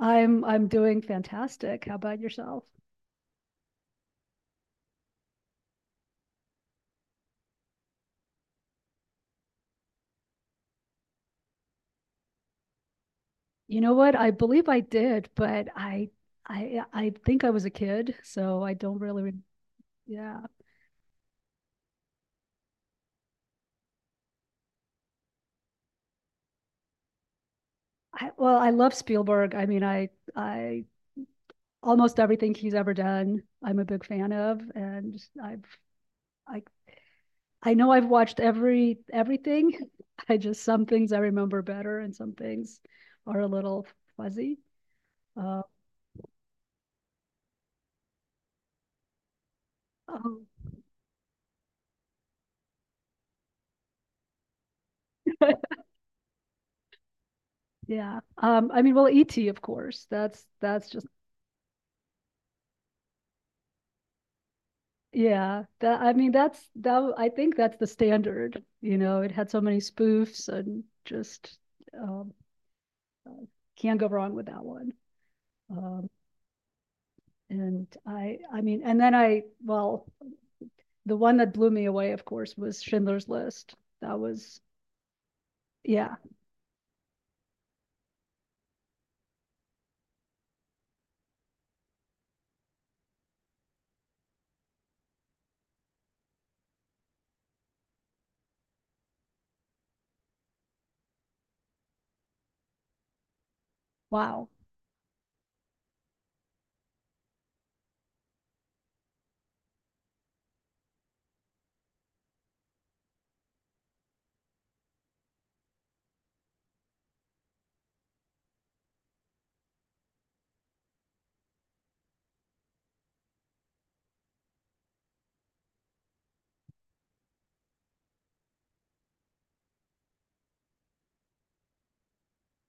I'm doing fantastic. How about yourself? You know what? I believe I did, but I think I was a kid, so I don't really yeah. I, well, I love Spielberg. I mean, I almost everything he's ever done, I'm a big fan of, and I've I I know I've watched everything. I just some things I remember better, and some things are a little fuzzy. Uh, um, yeah. I mean, well, E.T. of course. That's just yeah. That I mean that's I think that's the standard. You know, it had so many spoofs and just um, can't go wrong with that one. Um, and I mean, and then I, well, the one that blew me away of course was Schindler's List. That was yeah, wow.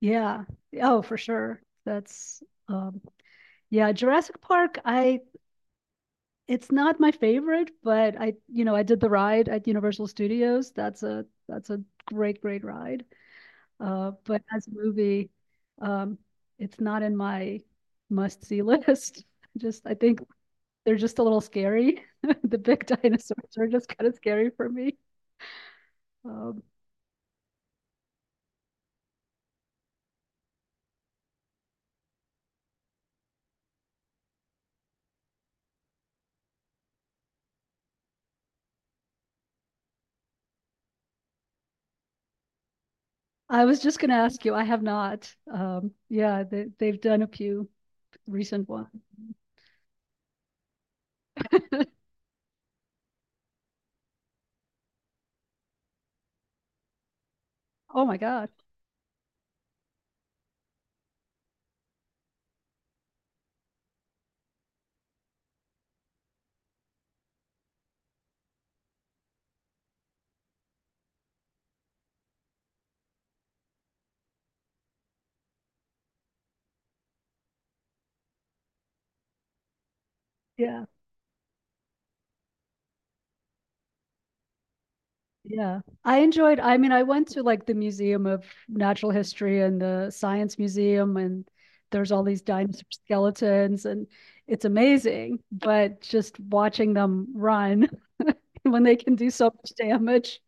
Yeah. Oh, for sure. That's um yeah, Jurassic Park, I it's not my favorite, but I, you know, I did the ride at Universal Studios. That's a great ride. But as a movie, um, it's not in my must-see list. Just I think they're just a little scary. The big dinosaurs are just kind of scary for me. Um, I was just going to ask you. I have not. Yeah, they've done a few recent ones. Oh my God. Yeah. Yeah, I enjoyed. I mean, I went to like the Museum of Natural History and the Science Museum, and there's all these dinosaur skeletons, and it's amazing. But just watching them run when they can do so much damage,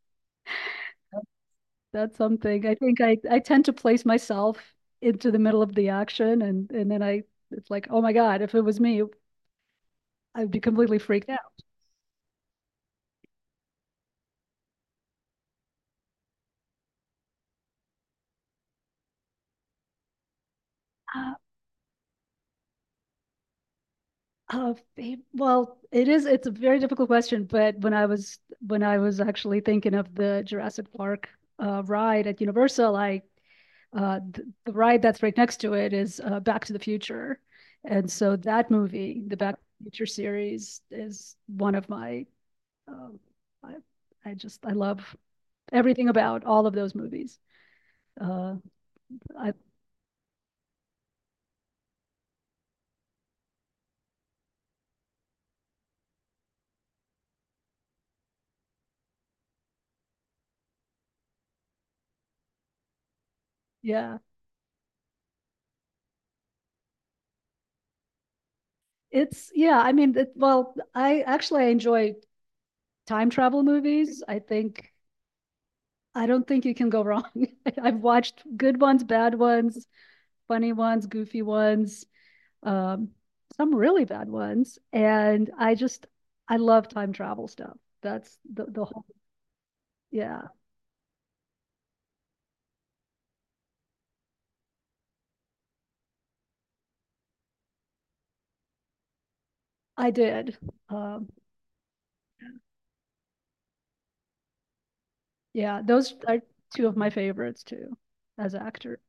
that's something. I think I tend to place myself into the middle of the action, and then I it's like, oh my God, if it was me, I'd be completely freaked out. Uh, well, it is. It's a very difficult question, but when I was actually thinking of the Jurassic Park ride at Universal, I the ride that's right next to it is Back to the Future, and so that movie, the Back to the Future series, is one of my. Um, I, I just I love everything about all of those movies. Uh, I yeah, it's yeah. I mean, well, I actually I enjoy time travel movies. I don't think you can go wrong. I've watched good ones, bad ones, funny ones, goofy ones, um, some really bad ones, and I just I love time travel stuff. That's the whole yeah. I did. Um, yeah, those are two of my favorites too as actor.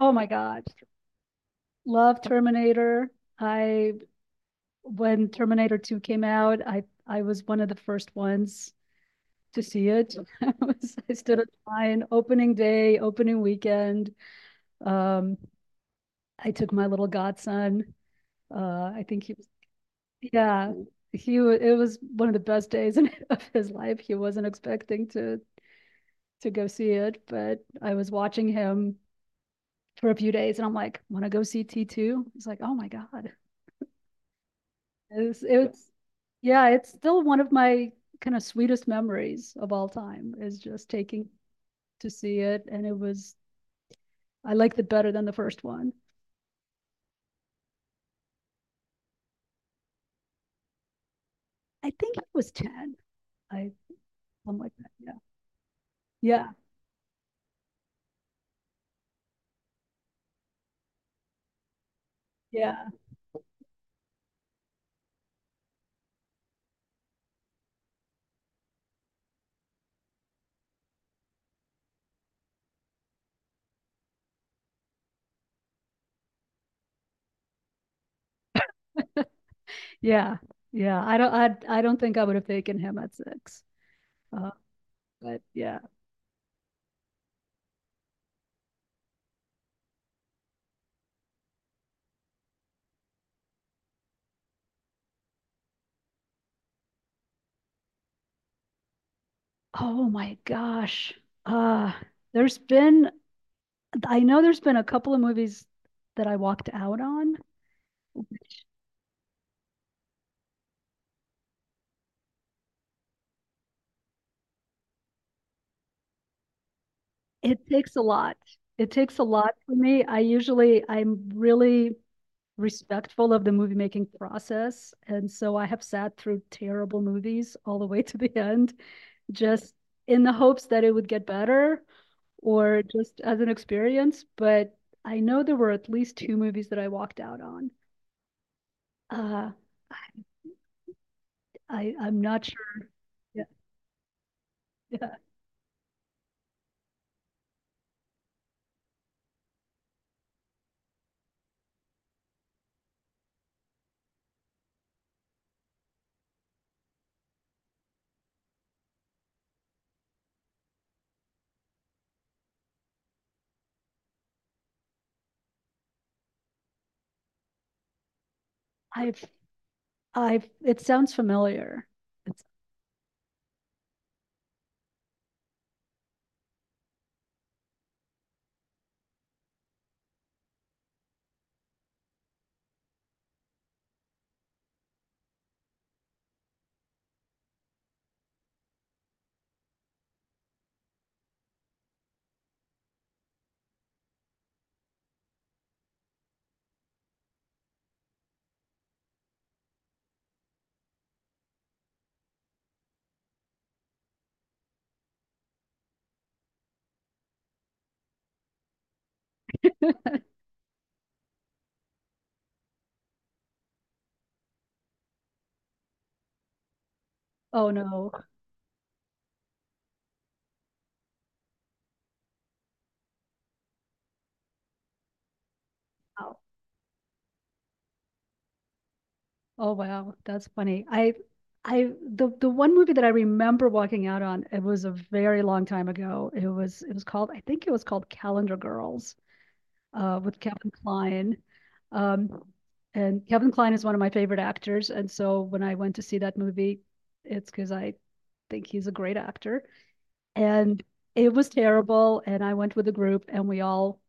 Oh my God. Love Terminator. I When Terminator 2 came out, I was one of the first ones to see it. I stood in line opening day, opening weekend. Um, I took my little godson. I think he was, yeah, he it was one of the best days of his life. He wasn't expecting to go see it, but I was watching him for a few days, and I'm like, want to go see T2? He's like, oh my god, it's yeah, it's still one of my kind of sweetest memories of all time is just taking to see it, and it was I liked it better than the first one. I think it was 10. I something like that. Yeah. Yeah. Yeah. Yeah. Yeah. I don't think I would have taken him at six. Uh, but yeah. Oh my gosh. Uh there's been I know there's been a couple of movies that I walked out on. It takes a lot. It takes a lot for me. I'm really respectful of the movie making process, and so I have sat through terrible movies all the way to the end, just in the hopes that it would get better or just as an experience. But I know there were at least two movies that I walked out on. Uh, I'm not sure. Yeah, yeah. I've I've. It sounds familiar. It's, oh no! Wow. Oh wow, that's funny. I The one movie that I remember walking out on. It was a very long time ago. It was called. I think it was called Calendar Girls, with Kevin Kline. Um, and Kevin Kline is one of my favorite actors. And so when I went to see that movie, it's because I think he's a great actor. And it was terrible. And I went with a group, and we all,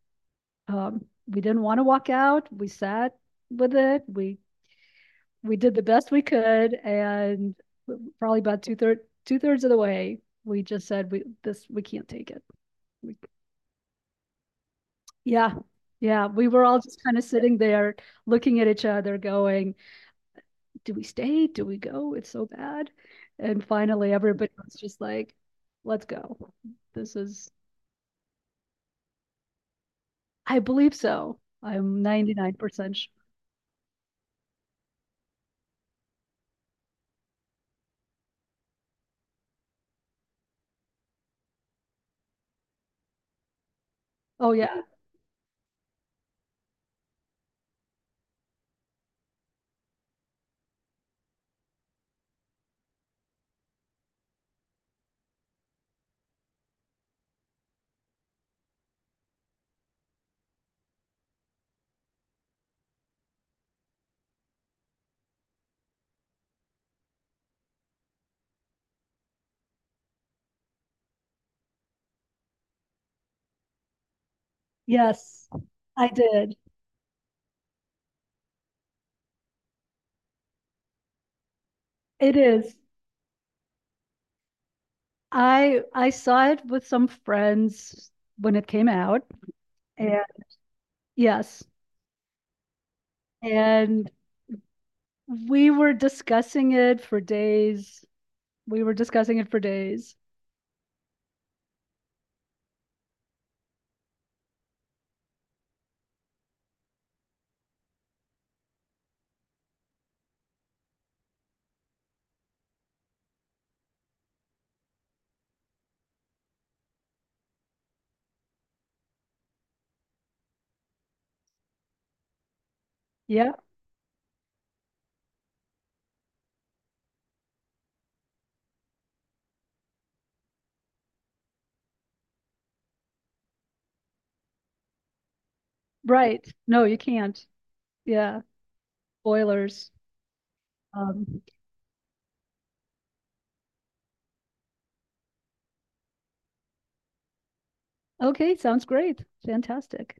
we didn't want to walk out. We sat with it. We did the best we could. And probably about two-thirds of the way, we just said, this, we can't take it. We, yeah. Yeah. We were all just kind of sitting there looking at each other, going, do we stay? Do we go? It's so bad. And finally, everybody was just like, let's go. This is, I believe so. I'm 99% sure. Oh, yeah. Yes, I did. It is. I saw it with some friends when it came out. And yes. And we were discussing it for days. We were discussing it for days. Yeah. Right. No, you can't. Yeah. Boilers. Um, okay, sounds great. Fantastic.